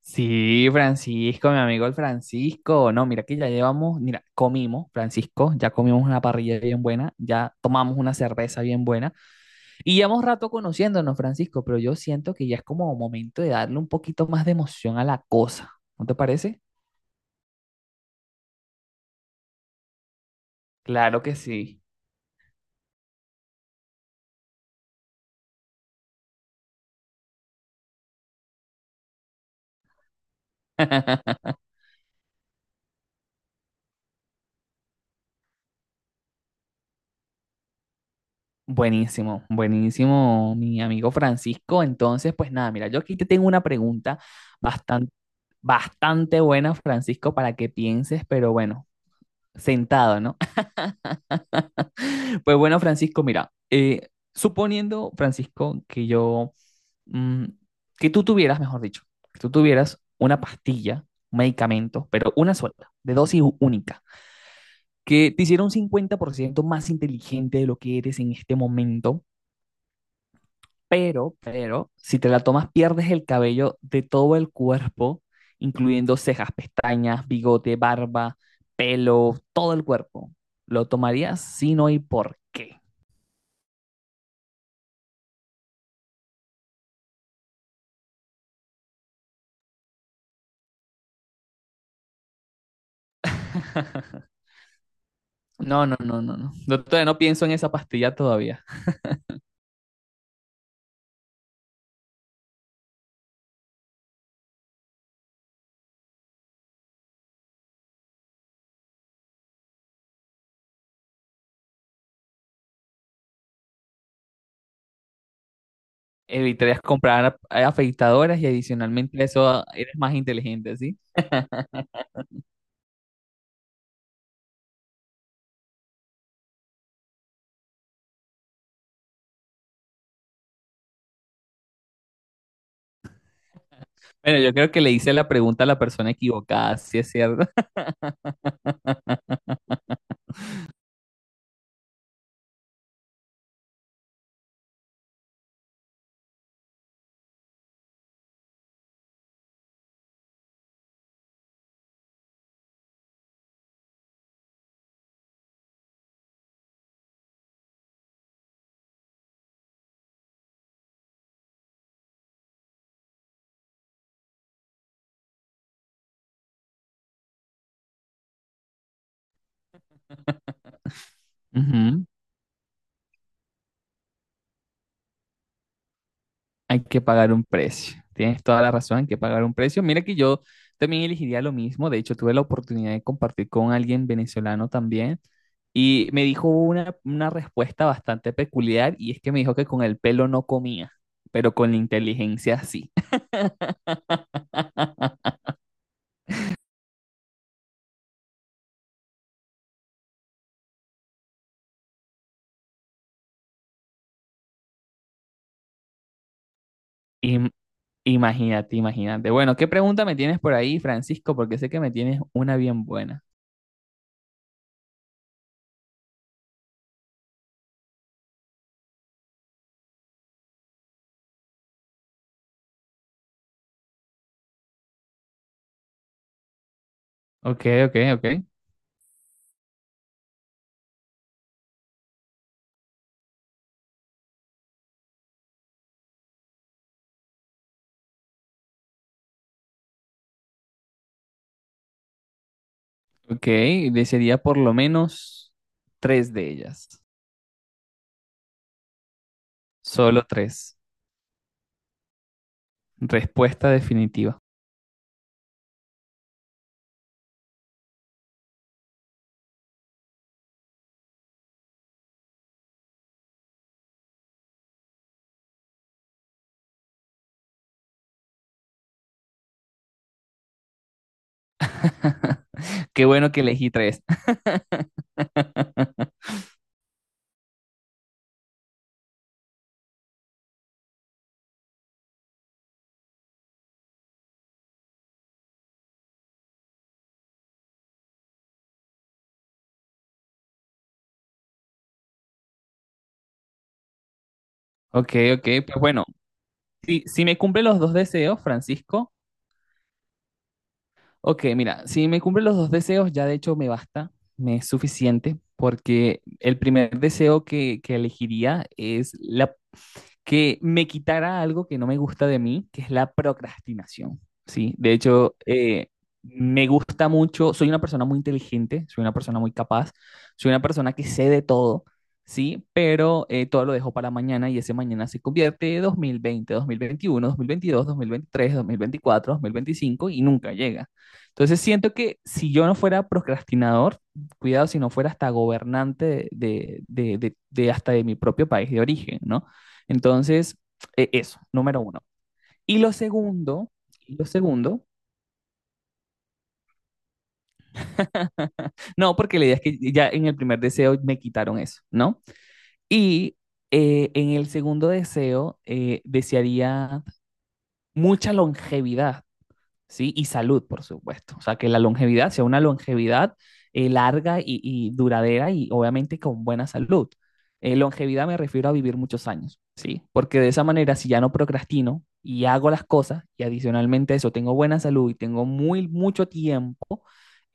Sí, Francisco, mi amigo el Francisco. No, mira que ya llevamos, mira, comimos, Francisco, ya comimos una parrilla bien buena, ya tomamos una cerveza bien buena y llevamos rato conociéndonos, Francisco, pero yo siento que ya es como momento de darle un poquito más de emoción a la cosa. ¿No te parece? Claro que sí. Buenísimo, buenísimo, mi amigo Francisco. Entonces, pues nada, mira, yo aquí te tengo una pregunta bastante, bastante buena, Francisco, para que pienses, pero bueno, sentado, ¿no? Pues bueno, Francisco, mira, suponiendo, Francisco, mm, que tú tuvieras, mejor dicho, que tú tuvieras una pastilla, un medicamento, pero una sola, de dosis única, que te hiciera un 50% más inteligente de lo que eres en este momento, pero, si te la tomas, pierdes el cabello de todo el cuerpo, incluyendo cejas, pestañas, bigote, barba, pelo, todo el cuerpo. ¿Lo tomarías? Si no, ¿y por qué? No, no, no, no, no. No, todavía no pienso en esa pastilla todavía. Evitarías comprar afeitadoras y adicionalmente a eso eres más inteligente, ¿sí? Bueno, yo creo que le hice la pregunta a la persona equivocada, sí es cierto. Ujú. Hay que pagar un precio. Tienes toda la razón, hay que pagar un precio. Mira que yo también elegiría lo mismo. De hecho, tuve la oportunidad de compartir con alguien venezolano también y me dijo una respuesta bastante peculiar y es que me dijo que con el pelo no comía, pero con la inteligencia sí. Y Imagínate, imagínate. Bueno, ¿qué pregunta me tienes por ahí, Francisco? Porque sé que me tienes una bien buena. Ok, ok, ok. Ok, desearía por lo menos tres de ellas. Solo tres. Respuesta definitiva. Qué bueno que elegí tres. Ok, ok, pues bueno, si, me cumple los dos deseos, Francisco, ok, mira, si me cumple los dos deseos, ya de hecho me basta, me es suficiente, porque el primer deseo que elegiría es la que me quitara algo que no me gusta de mí, que es la procrastinación, ¿sí? De hecho, me gusta mucho, soy una persona muy inteligente, soy una persona muy capaz, soy una persona que sé de todo, ¿sí? Pero todo lo dejo para mañana y ese mañana se convierte en 2020, 2021, 2022, 2023, 2024, 2025 y nunca llega. Entonces siento que si yo no fuera procrastinador, cuidado si no fuera hasta gobernante de hasta de mi propio país de origen, ¿no? Entonces, eso, número uno. Y lo segundo, y lo segundo, no, porque la idea es que ya en el primer deseo me quitaron eso, ¿no? Y en el segundo deseo desearía mucha longevidad, ¿sí? Y salud, por supuesto. O sea, que la longevidad sea una longevidad larga y duradera y obviamente con buena salud. Longevidad me refiero a vivir muchos años, ¿sí? Porque de esa manera, si ya no procrastino y hago las cosas y adicionalmente a eso tengo buena salud y tengo muy mucho tiempo,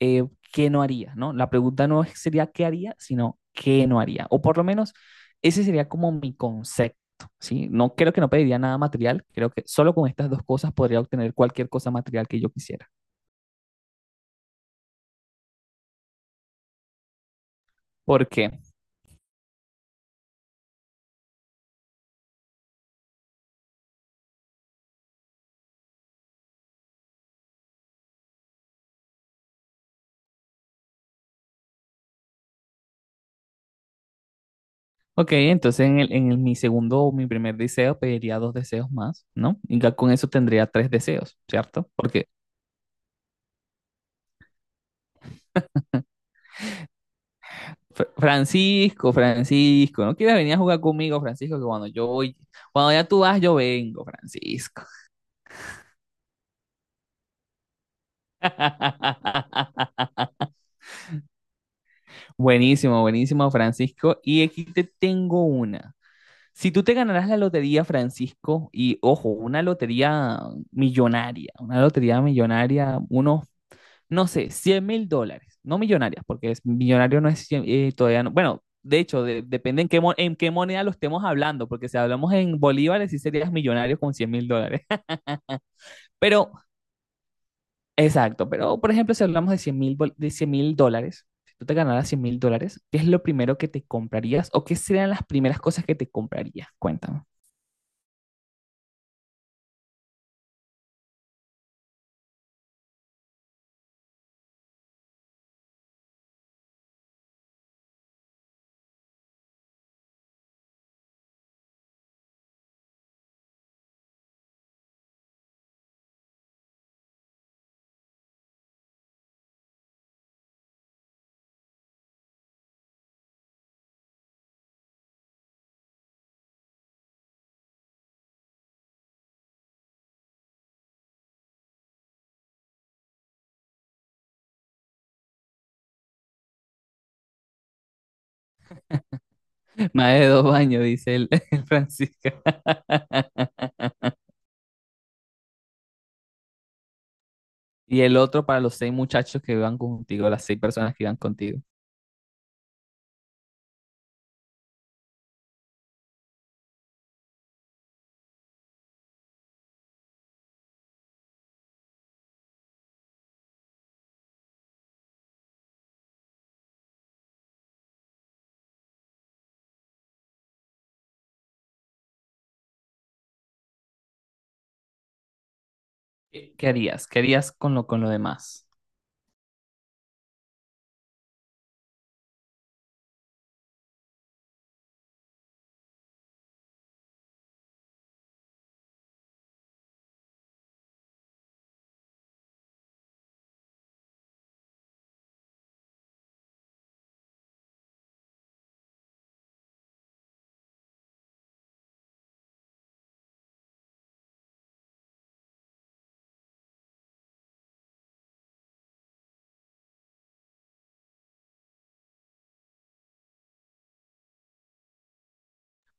eh, qué no haría, ¿no? La pregunta no sería qué haría, sino qué no haría. O por lo menos ese sería como mi concepto, ¿sí? No creo que no pediría nada material, creo que solo con estas dos cosas podría obtener cualquier cosa material que yo quisiera. ¿Por qué? Ok, entonces mi segundo o mi primer deseo pediría dos deseos más, ¿no? Y ya con eso tendría tres deseos, ¿cierto? Porque Francisco, Francisco, ¿no quieres venir a jugar conmigo, Francisco? Que cuando yo voy, cuando ya tú vas, yo vengo, Francisco. Buenísimo, buenísimo, Francisco. Y aquí te tengo una. Si tú te ganarás la lotería, Francisco, y ojo, una lotería millonaria, unos, no sé, $100.000, no millonarias, porque es, millonario no es todavía no. Bueno, de hecho, depende en qué, en qué moneda lo estemos hablando, porque si hablamos en bolívares, sí serías millonario con $100.000. Pero exacto, pero por ejemplo, si hablamos de 100.000, de $100.000, si tú te ganaras $100.000, ¿qué es lo primero que te comprarías o qué serían las primeras cosas que te comprarías? Cuéntame. Más de dos baños, dice el, el Francisco. Y el otro para los seis muchachos que van contigo, las seis personas que van contigo. ¿Qué qué harías? ¿Qué harías con lo demás?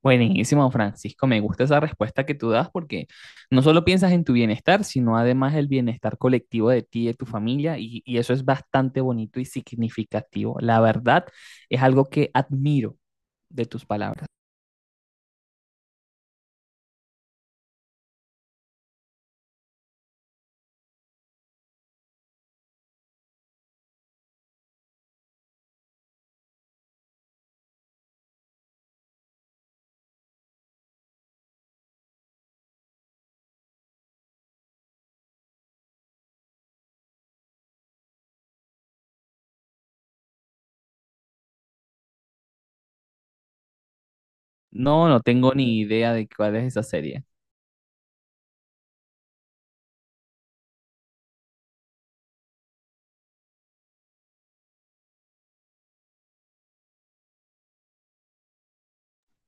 Buenísimo, Francisco. Me gusta esa respuesta que tú das porque no solo piensas en tu bienestar, sino además el bienestar colectivo de ti y de tu familia. Y eso es bastante bonito y significativo. La verdad, es algo que admiro de tus palabras. No, no tengo ni idea de cuál es esa serie.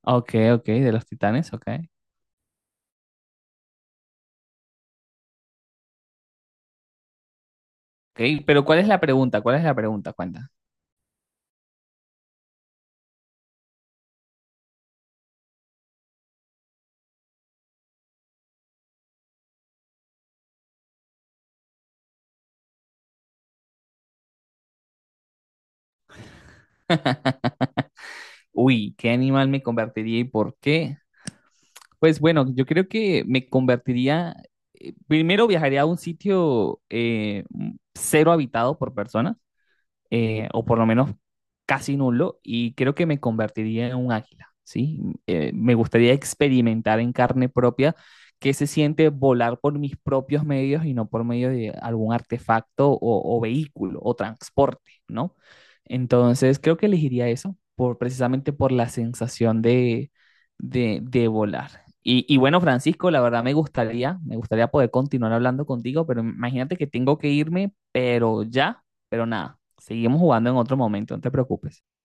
Ok, ok, de los Titanes, ok. Ok, pero ¿cuál es la pregunta? ¿Cuál es la pregunta? Cuenta. Uy, ¿qué animal me convertiría y por qué? Pues bueno, yo creo que me convertiría, primero viajaría a un sitio cero habitado por personas, o por lo menos casi nulo, y creo que me convertiría en un águila, ¿sí? Me gustaría experimentar en carne propia qué se siente volar por mis propios medios y no por medio de algún artefacto o vehículo o transporte, ¿no? Entonces, creo que elegiría eso, por, precisamente por la sensación de volar. Y bueno, Francisco, la verdad me gustaría poder continuar hablando contigo, pero imagínate que tengo que irme, pero ya, pero nada, seguimos jugando en otro momento, no te preocupes.